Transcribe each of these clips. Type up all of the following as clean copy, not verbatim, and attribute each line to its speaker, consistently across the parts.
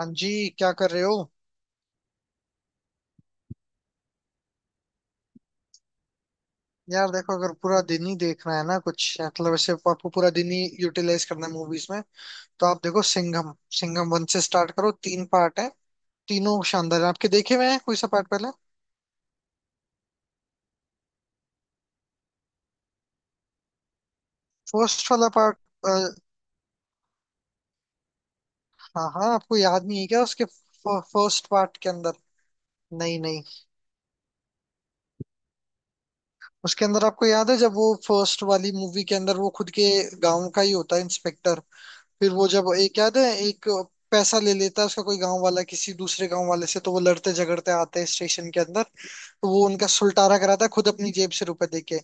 Speaker 1: हाँ जी, क्या कर रहे हो। यार देखो, अगर पूरा दिन ही देखना है ना, कुछ मतलब ऐसे आपको पूरा दिन ही यूटिलाइज करना है मूवीज में, तो आप देखो सिंघम। सिंघम वन से स्टार्ट करो, तीन पार्ट है। तीनों शानदार है। आपके देखे हुए हैं कोई सा पार्ट पहले। फर्स्ट वाला पार्ट। हाँ हाँ, आपको याद नहीं है क्या उसके फर्स्ट पार्ट के अंदर। नहीं नहीं, उसके अंदर आपको याद है जब वो फर्स्ट वाली मूवी के अंदर वो खुद के गांव का ही होता है इंस्पेक्टर। फिर वो जब एक याद है, एक पैसा ले लेता है उसका कोई गांव वाला किसी दूसरे गांव वाले से, तो वो लड़ते झगड़ते आते हैं स्टेशन के अंदर, तो वो उनका सुलटारा कराता है खुद अपनी जेब से रुपए देके।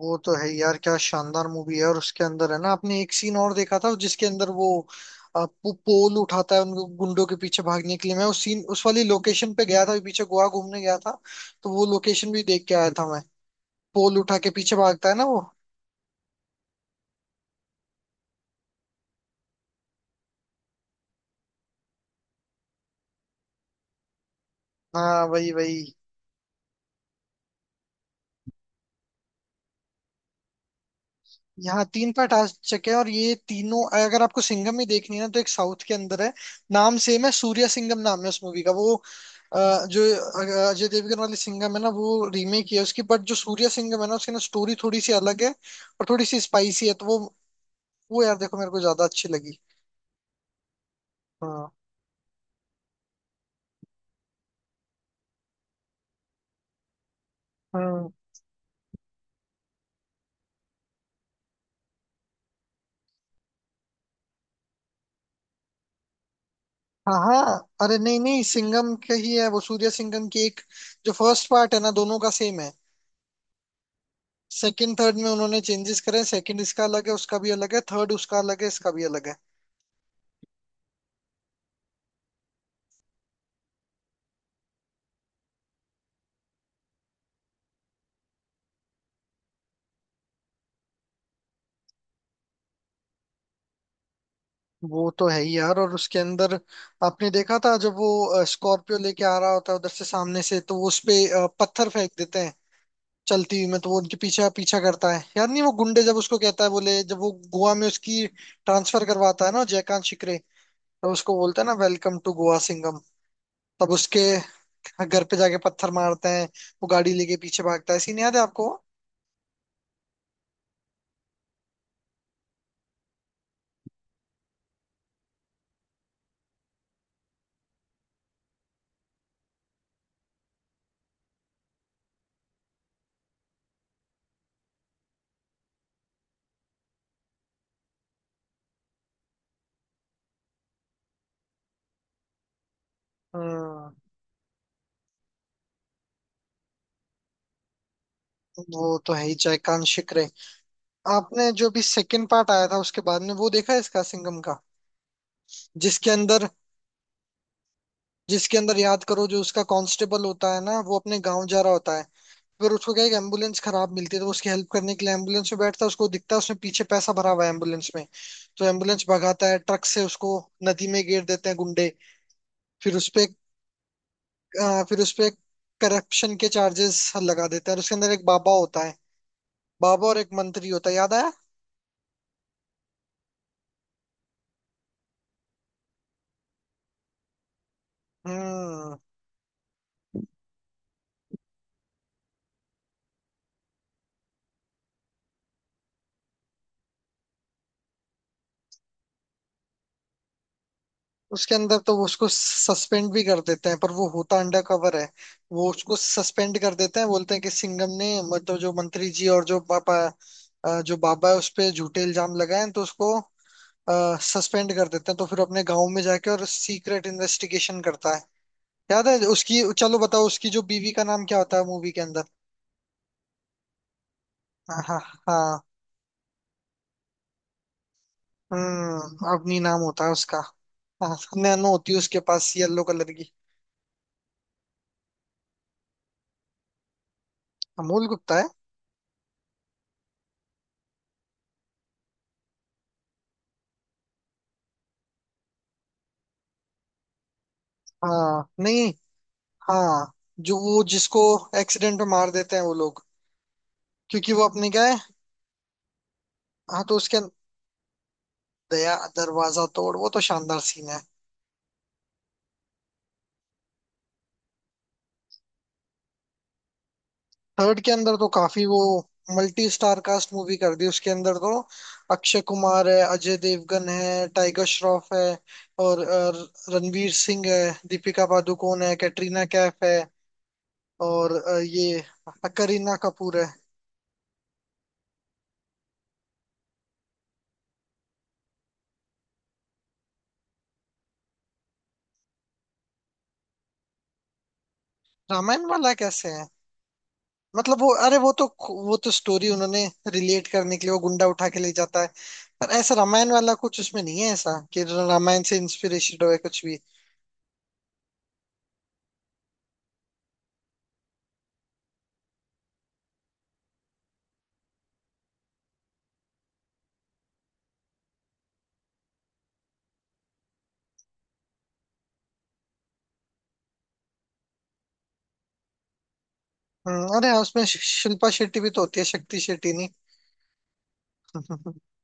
Speaker 1: वो तो है यार, क्या शानदार मूवी है। और उसके अंदर है ना, आपने एक सीन और देखा था जिसके अंदर वो पोल उठाता है उनको गुंडों के पीछे भागने के लिए। मैं उस सीन, उस वाली लोकेशन पे गया था पीछे, गोवा घूमने गया था, तो वो लोकेशन भी देख के आया था मैं। पोल उठा के पीछे भागता है ना वो। हाँ वही वही। यहाँ तीन पार्ट आ चुके हैं, और ये तीनों अगर आपको सिंघम ही देखनी है ना, तो एक साउथ के अंदर है। नाम सेम है, सूर्या सिंघम नाम है उस मूवी का। वो जो अजय देवगन वाली सिंघम है ना, वो रीमेक है उसकी, बट जो सूर्या सिंघम है ना, उसकी ना स्टोरी थोड़ी सी अलग है और थोड़ी सी स्पाइसी है, तो वो यार देखो मेरे को ज्यादा अच्छी लगी। हाँ हाँ। हाँ हाँ, अरे नहीं नहीं, सिंघम का ही है वो सूर्या सिंघम की एक। जो फर्स्ट पार्ट है ना, दोनों का सेम है। सेकंड थर्ड में उन्होंने चेंजेस करे। सेकंड इसका अलग है, उसका भी अलग है। थर्ड उसका अलग है, इसका भी अलग है। वो तो है ही यार। और उसके अंदर आपने देखा था जब वो स्कॉर्पियो लेके आ रहा होता है उधर से सामने से, तो वो उसपे पत्थर फेंक देते हैं चलती हुई में, तो वो उनके पीछे पीछा करता है। यार नहीं, वो गुंडे जब उसको कहता है, बोले जब वो गोवा में उसकी ट्रांसफर करवाता है ना जयकांत शिकरे, तब उसको बोलता है ना वेलकम टू गोवा सिंगम। तब उसके घर पे जाके पत्थर मारते हैं। वो गाड़ी लेके पीछे भागता है, सीन याद है आपको। हम्म। वो तो है ही जयकांत शिकरे। आपने जो भी सेकंड पार्ट आया था उसके बाद में वो देखा है इसका, सिंघम का। जिसके अंदर, जिसके अंदर याद करो, जो उसका कांस्टेबल होता है ना, वो अपने गांव जा रहा होता है। अगर उसको क्या है कि एम्बुलेंस खराब मिलती है, तो वो उसकी हेल्प करने के लिए एम्बुलेंस में बैठता है। उसको दिखता है उसने पीछे पैसा भरा हुआ है एम्बुलेंस में, तो एम्बुलेंस भगाता है ट्रक से उसको नदी में गिर देते हैं गुंडे। फिर उसपे, फिर उसपे करप्शन के चार्जेस लगा देते हैं। और उसके अंदर एक बाबा होता है, बाबा और एक मंत्री होता है, याद आया। हम्म। उसके अंदर तो वो उसको सस्पेंड भी कर देते हैं, पर वो होता अंडर कवर है। वो उसको सस्पेंड कर देते हैं, बोलते हैं कि सिंघम ने मतलब जो मंत्री जी और जो पापा जो बाबा है उस पे झूठे इल्जाम लगाए हैं, तो उसको सस्पेंड कर देते हैं। तो फिर अपने गांव में जाके और सीक्रेट इन्वेस्टिगेशन करता है। याद है उसकी, चलो बताओ उसकी जो बीवी का नाम क्या होता है मूवी के अंदर। हाँ हाँ। हम्म, अवनी नाम होता है उसका। हाँ। नैनो होती है उसके पास येलो कलर की। अमूल गुप्ता है। हाँ नहीं। हाँ, जो वो जिसको एक्सीडेंट में मार देते हैं वो लोग। क्योंकि वो अपने क्या है। हाँ, तो उसके दया दरवाजा तोड़, वो तो शानदार सीन है। थर्ड के अंदर तो काफी वो मल्टी स्टार कास्ट मूवी कर दी उसके अंदर तो। अक्षय कुमार है, अजय देवगन है, टाइगर श्रॉफ है, और रणवीर सिंह है, दीपिका पादुकोण है, कैटरीना कैफ है, और ये करीना कपूर है। रामायण वाला कैसे है। मतलब वो, अरे वो तो, वो तो स्टोरी उन्होंने रिलेट करने के लिए वो गुंडा उठा के ले जाता है। पर ऐसा रामायण वाला कुछ उसमें नहीं है ऐसा कि रामायण से इंस्पिरेशन हो कुछ भी। अरे हाँ, उसमें शिल्पा शेट्टी भी तो होती है, शक्ति शेट्टी नहीं।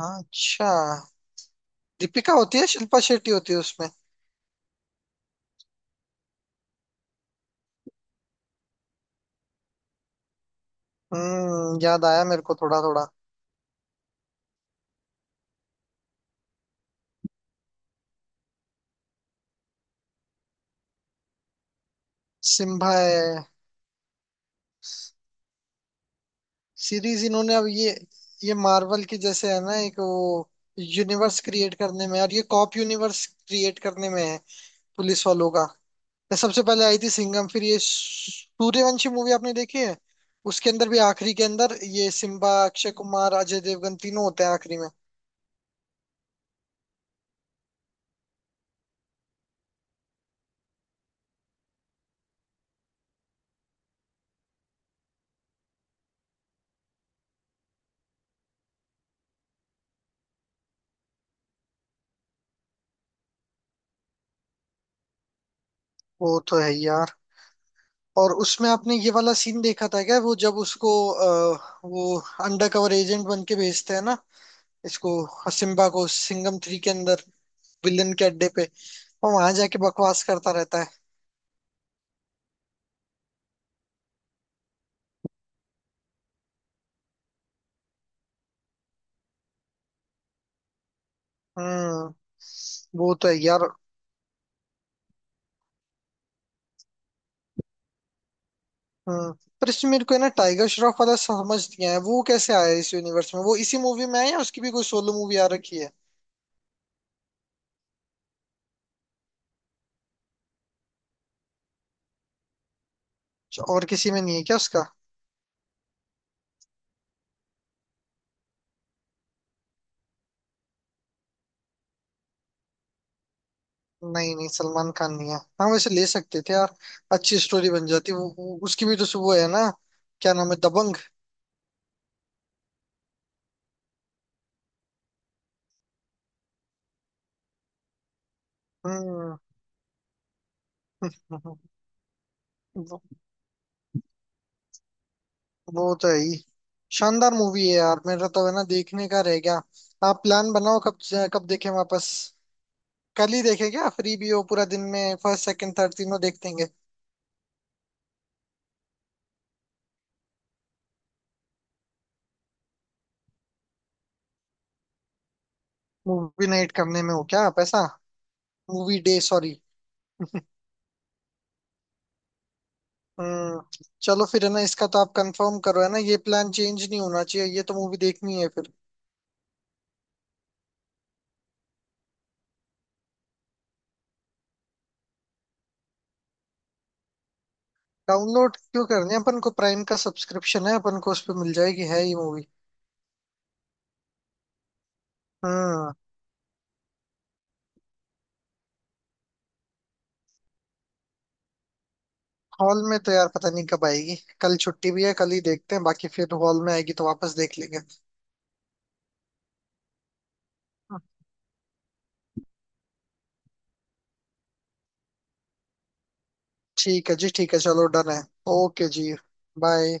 Speaker 1: हाँ, अच्छा। दीपिका होती है, शिल्पा शेट्टी होती है उसमें। हम्म, याद आया मेरे को थोड़ा थोड़ा। सिम्बा है। सीरीज इन्होंने अब ये मार्वल की जैसे है ना एक वो यूनिवर्स क्रिएट करने में, और ये कॉप यूनिवर्स क्रिएट करने में है, पुलिस वालों का। सबसे पहले आई थी सिंघम, फिर ये सूर्यवंशी मूवी आपने देखी है। उसके अंदर भी आखिरी के अंदर ये सिम्बा, अक्षय कुमार, अजय देवगन तीनों होते हैं आखिरी में। वो तो है यार। और उसमें आपने ये वाला सीन देखा था क्या, वो जब उसको वो अंडर कवर एजेंट बन के भेजते हैं ना, इसको सिम्बा को सिंघम थ्री के अंदर विलन के अड्डे पे, और वहां जाके बकवास करता रहता है। हम्म। वो तो है यार। हाँ, पर इसमें मेरे को है ना टाइगर श्रॉफ वाला समझ नहीं आया, वो कैसे आया इस यूनिवर्स में। वो इसी मूवी में है या उसकी भी कोई सोलो मूवी आ रखी है। अच्छा, और किसी में नहीं है क्या उसका। नहीं नहीं, सलमान खान नहीं है। हाँ वैसे ले सकते थे यार, अच्छी स्टोरी बन जाती। वो उसकी भी तो वो है ना क्या नाम है, दबंग। हम्म। वो, वो तो है ही शानदार मूवी है यार। मेरा तो है ना देखने का रह गया। आप प्लान बनाओ कब, कब देखें वापस। कल ही देखें क्या, फ्री भी हो पूरा दिन में, फर्स्ट सेकंड थर्ड तीनों देख देंगे। मूवी नाइट करने में हो क्या पैसा। Movie day sorry. हम्म, चलो फिर है ना, इसका तो आप कंफर्म करो है ना, ये प्लान चेंज नहीं होना चाहिए, ये तो मूवी देखनी है फिर। डाउनलोड क्यों करनी है, अपन को प्राइम का सब्सक्रिप्शन है, अपन को उस पे मिल जाएगी है ये मूवी। हम्म। हॉल में तो यार पता नहीं कब आएगी। कल छुट्टी भी है, कल ही देखते हैं, बाकी फिर हॉल में आएगी तो वापस देख लेंगे। ठीक है जी, ठीक है, चलो डन है। ओके जी। बाय।